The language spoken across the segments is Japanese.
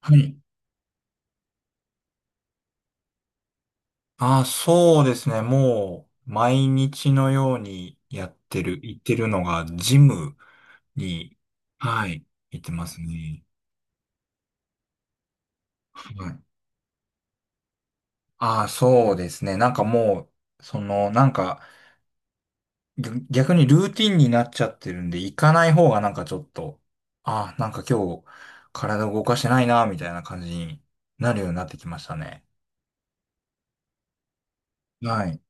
はい。ああ、そうですね。もう、毎日のようにやってる、行ってるのが、ジムに、はい、行ってますね。はい。ああ、そうですね。なんかもう、逆にルーティンになっちゃってるんで、行かない方がなんかちょっと、ああ、なんか今日、体動かしてないな、みたいな感じになるようになってきましたね。はい。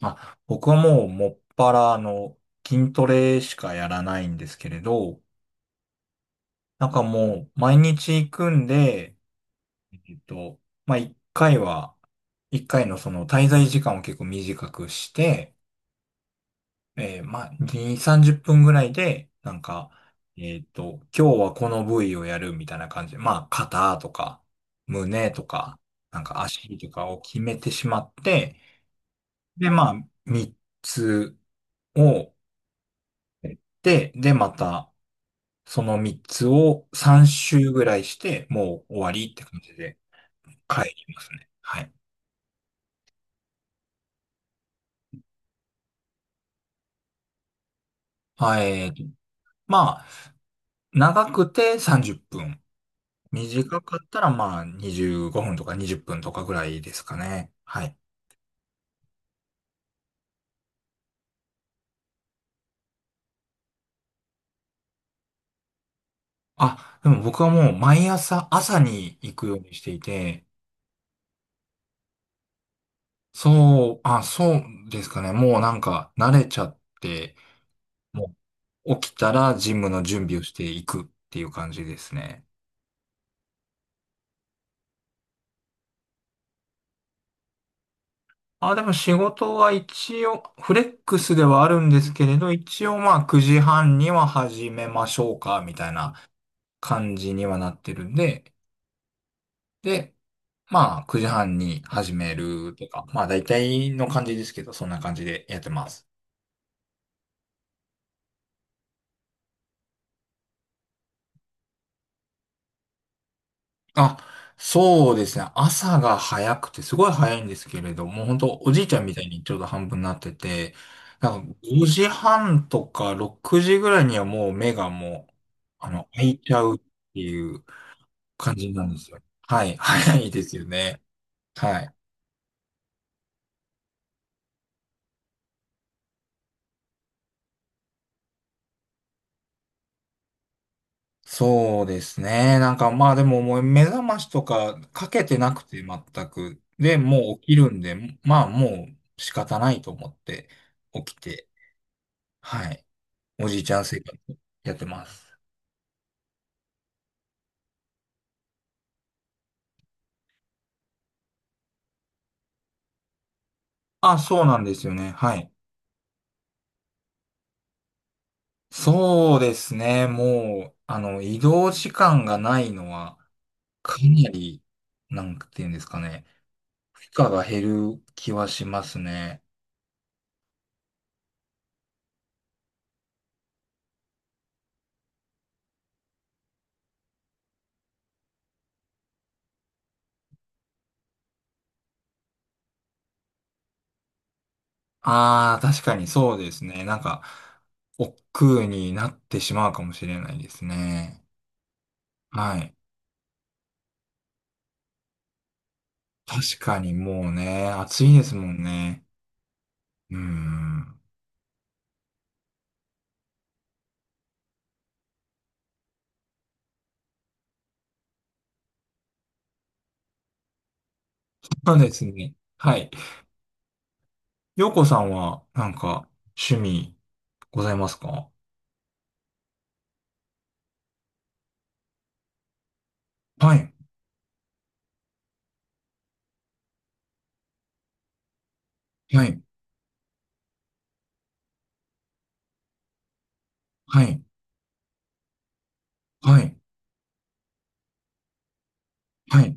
あ、僕はもう、もっぱら、筋トレしかやらないんですけれど、なんかもう、毎日行くんで、えっと、まあ、一回のその滞在時間を結構短くして、まあ、2、30分ぐらいで、なんか、今日はこの部位をやるみたいな感じで、まあ、肩とか、胸とか、なんか足とかを決めてしまって、で、まあ、3つをやって、で、また、その3つを3周ぐらいして、もう終わりって感じで。はい、いきますね。はい。あえーと、まあ、長くて30分。短かったら、まあ、25分とか20分とかぐらいですかね。はい。でも僕はもう毎朝、朝に行くようにしていて、そうですかね。もうなんか慣れちゃって、もう起きたらジムの準備をしていくっていう感じですね。でも仕事は一応、フレックスではあるんですけれど、一応まあ9時半には始めましょうか、みたいな感じにはなってるんで、で、まあ9時半に始めるとか、まあ大体の感じですけど、そんな感じでやってます。あ、そうですね。朝が早くて、すごい早いんですけれども、本当おじいちゃんみたいにちょうど半分になってて、なんか5時半とか6時ぐらいにはもう目がもう、開いちゃうっていう感じなんですよ。はい。早いですよね。はい。そうですね。なんかまあでももう目覚ましとかかけてなくて全く。で、もう起きるんで、まあもう仕方ないと思って起きて、はい。おじいちゃん生活やってます。そうなんですよね。はい。そうですね。もう、移動時間がないのはかなり、なんていうんですかね。負荷が減る気はしますね。ああ、確かにそうですね。なんか、億劫になってしまうかもしれないですね。はい。確かにもうね、暑いですもんね。うーん。そうですね。はい。洋子さんは、趣味、ございますか？はい。はい。はい。はい。はい。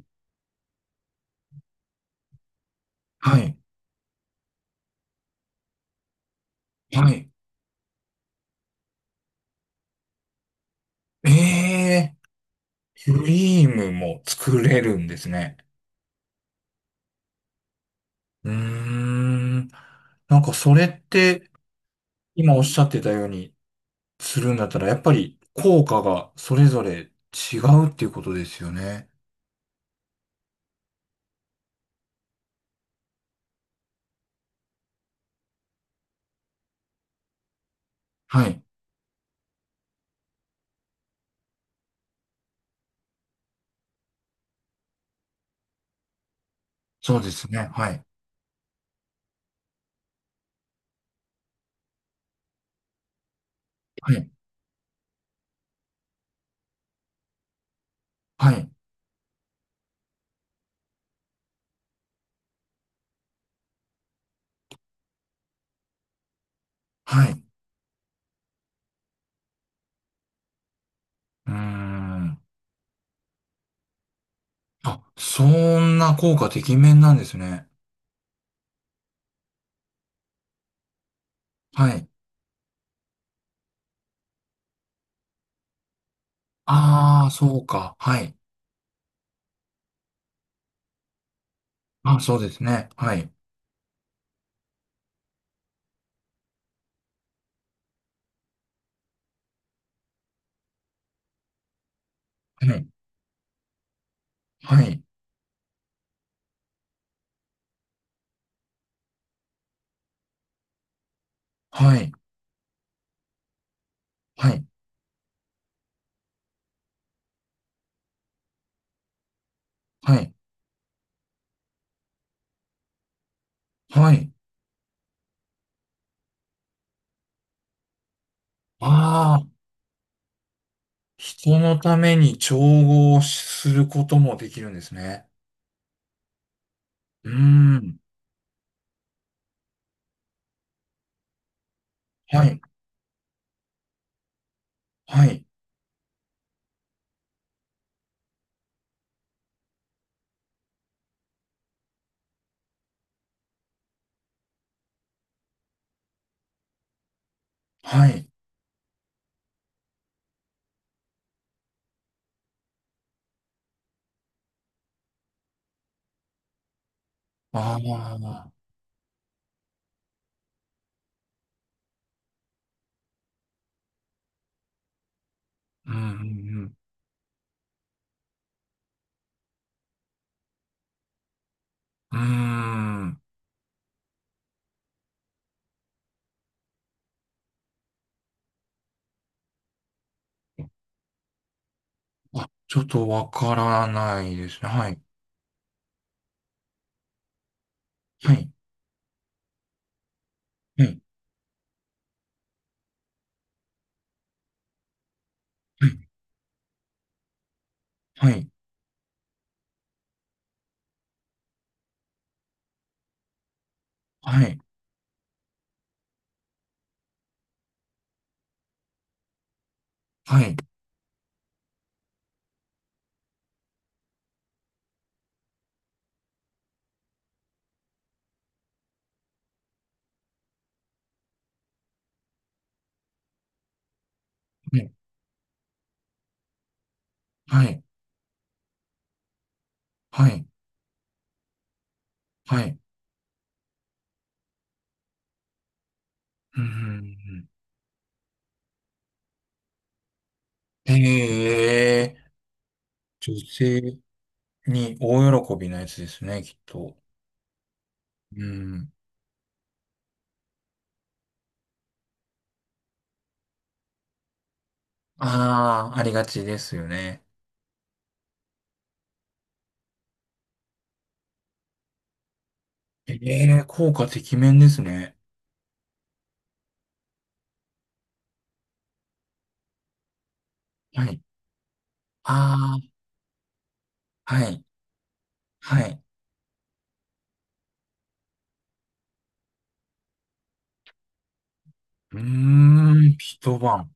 はい。はい。ええー、クリームも作れるんですね。うーん。なんか、それって、今おっしゃってたように、するんだったら、やっぱり効果がそれぞれ違うっていうことですよね。はい。そうですね。はい。はい。はい。はい。うーん。そんな効果てきめんなんですね。はい。ああ、そうか。はい。そうですね。はい。はい。はい。はい。はい。はい。はい。ああ、人のために調合することもできるんですね。うーん。はい。はい。はい。ああ。うんうんうん。うーん。ちょっとわからないですね。はい。はい。はい。はい。はい。はい。はい。はい。はい。うん。ええ女性に大喜びなやつですね、きっと。うん。ああ、ありがちですよね。え効果てきめんですね。はい。ああ、はい。はい。うーん、一晩。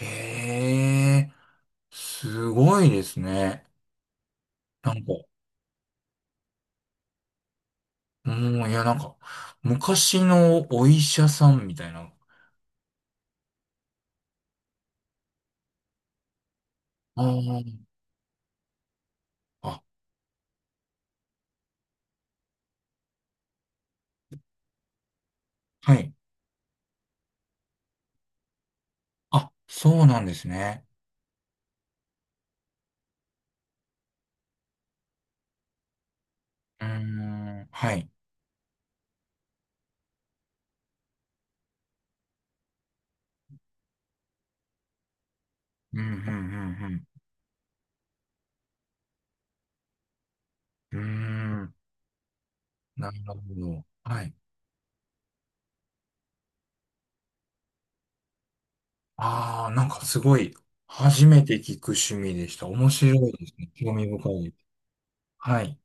ええすごいですね。なんか、うん、いや、昔のお医者さんみたいな。あーあ、はい。そうなんですね。うーん、はい。うん、うん、うん、うん。うーん、なるほど。はい。ああ、なんかすごい、初めて聞く趣味でした。面白いですね。興味深いです。はい。